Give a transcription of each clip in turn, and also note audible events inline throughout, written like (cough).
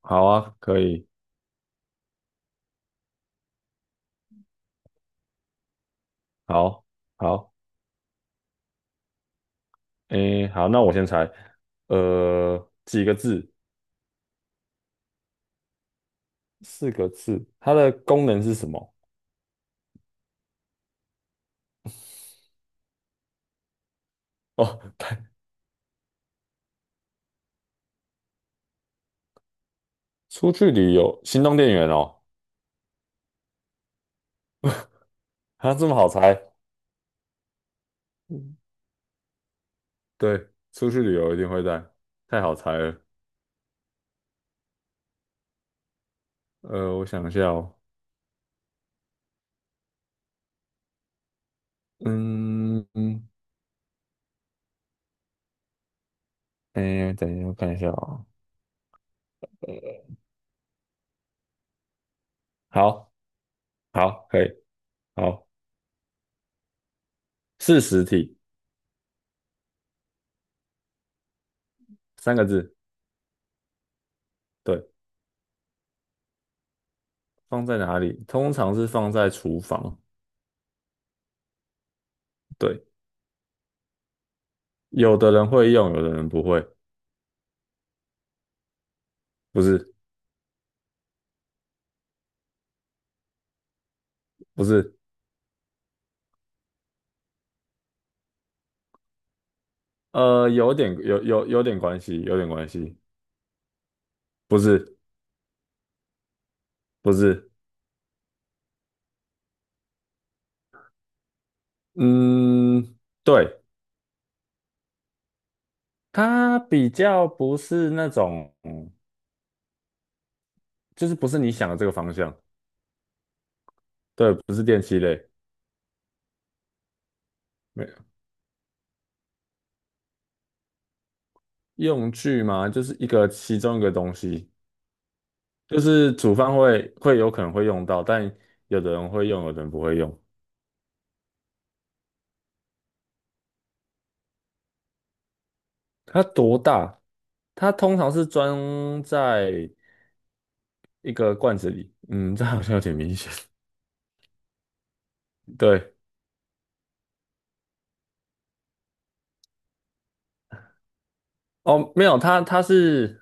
好啊，可以，好，好，诶，好，那我先猜，几个字？四个字，它的功能是什么？哦，出去旅游，行动电源哦，它这么好猜？嗯对，出去旅游一定会带，太好猜了。我想一下哦，嗯嗯，诶，等一下，我看一下哦。好，好，可以，好，是实体，三个字，对，放在哪里？通常是放在厨房，对。有的人会用，有的人不会，不是不是，有点有点关系，有点关系，不是不是，嗯，对，它比较不是那种，就是不是你想的这个方向，对，不是电器类，没有用具嘛，就是一个其中一个东西，就是煮饭会有可能会用到，但有的人会用，有的人不会用。它多大？它通常是装在一个罐子里，这好像有点明显。(laughs) 对，哦，没有，它是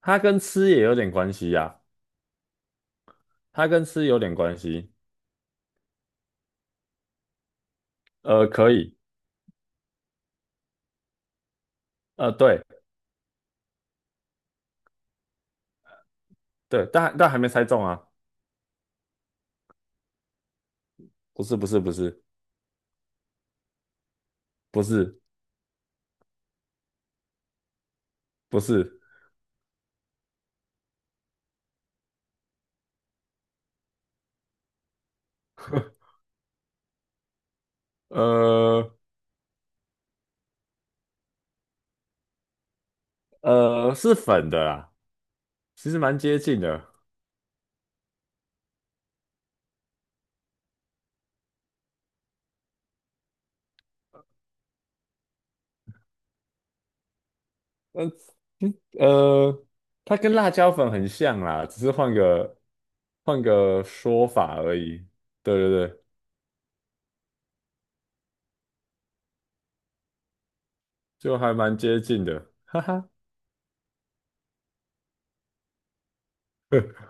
它跟吃也有点关系呀、它跟吃有点关系。可以，对对，但还没猜中啊，不是不是不是不是不是，呃是粉的啦，其实蛮接近的。呃呃，它跟辣椒粉很像啦，只是换个说法而已。对对对，就还蛮接近的，哈哈。(laughs)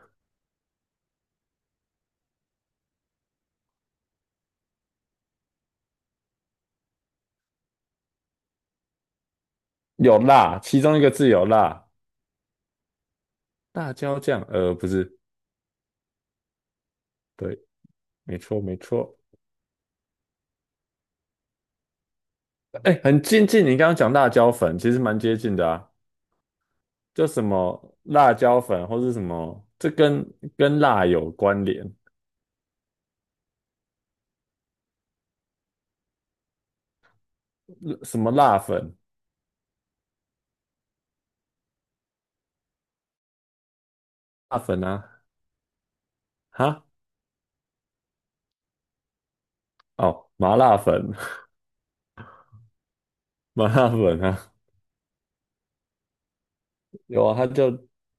有辣，其中一个字有辣，辣椒酱，不是，对，没错，没错，哎，很接近你刚刚讲辣椒粉，其实蛮接近的啊，就什么辣椒粉或是什么，这跟辣有关联，什么辣粉，辣粉啊，哈，哦，麻辣粉，(laughs) 麻辣粉啊，有啊，它叫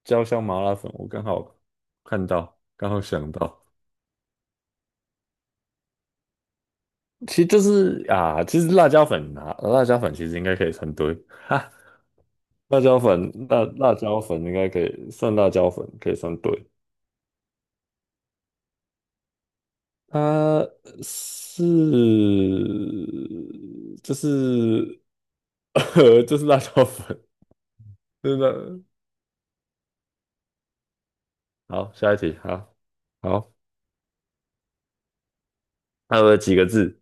焦香麻辣粉，我刚好看到，刚好想到，其实就是啊，其实辣椒粉啊，辣椒粉其实应该可以成堆，哈。辣椒粉，辣椒粉应该可以算辣椒粉，可以算对。它是就是 (laughs) 就是辣椒粉，真的。好，下一题，好，好，它有几个字？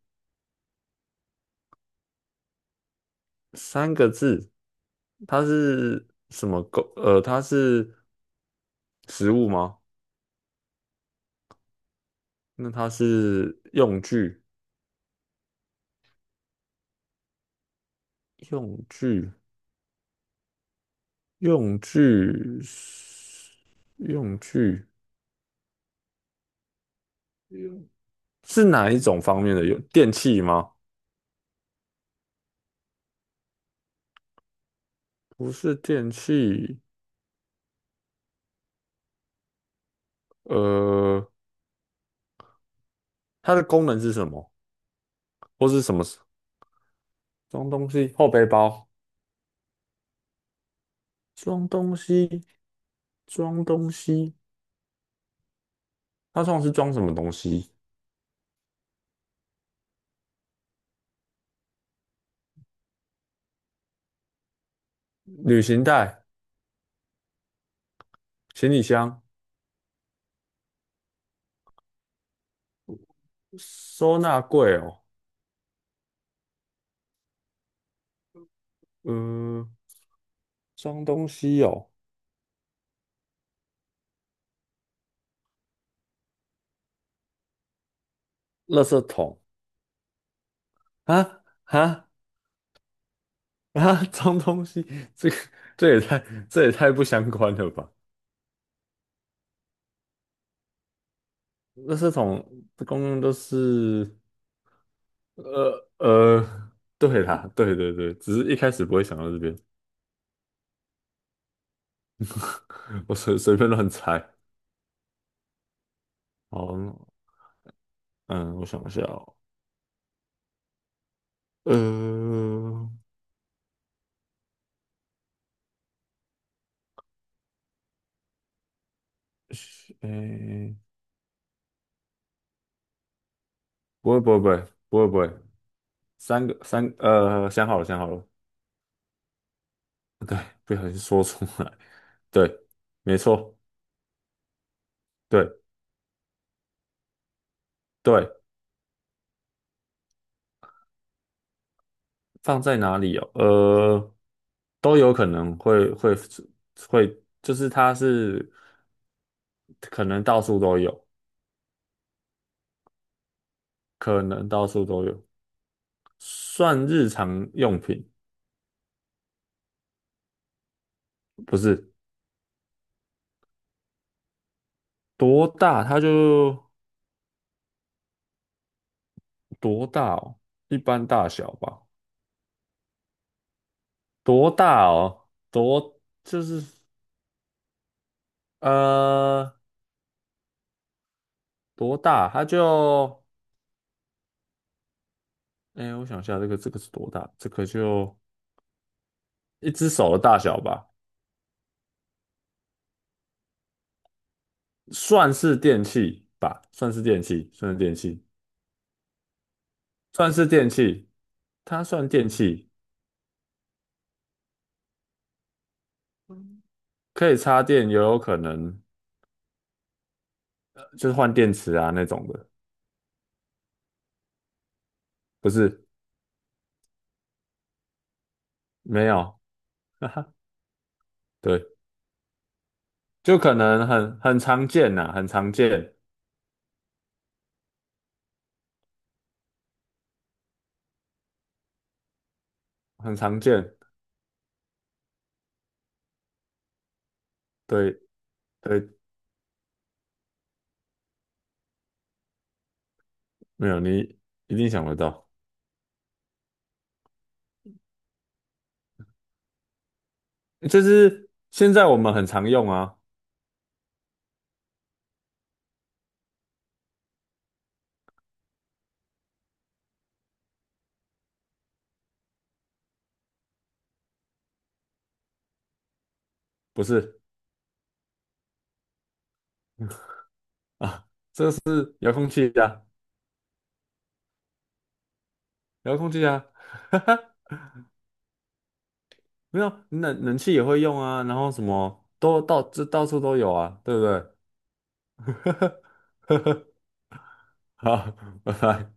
三个字。它是什么工？它是食物吗？那它是用具，用具，用具，用具，是哪一种方面的？有电器吗？不是电器，呃，它的功能是什么？或是什么装东西？后背包，装东西，装东西，它通常是装什么东西？旅行袋、行李箱、收纳柜哦，呃，装东西哦，垃圾桶啊，装东西，这个这也太这也太不相关了吧？垃圾桶的功能都是。呃呃，对啦，对对对，只是一开始不会想到这边，我便乱猜。好，嗯，我想一下哦，呃，是诶，不会不会不会不会不会，三个三呃，想好了想好了，对，不小心说出来，对，没错，对对，放在哪里哦？都有可能会，就是它是可能到处都有，可能到处都有。算日常用品，不是多大，它就多大哦，一般大小吧，多大哦，多就是呃多大，它就哎，我想一下，这个是多大？这个就一只手的大小吧，算是电器吧，算是电器，算是电器，算是电器，它算电器，可以插电，也有可能就是换电池啊那种的，不是，没有，(laughs) 哈哈，对。就可能很常见呐、很常见，很常见。对对，没有你一定想得到，就是现在我们很常用啊，不是啊，遥控器啊，遥控器啊，(laughs) 没有冷气也会用啊，然后什么都到处都有啊，对不对？(laughs) 好，拜拜。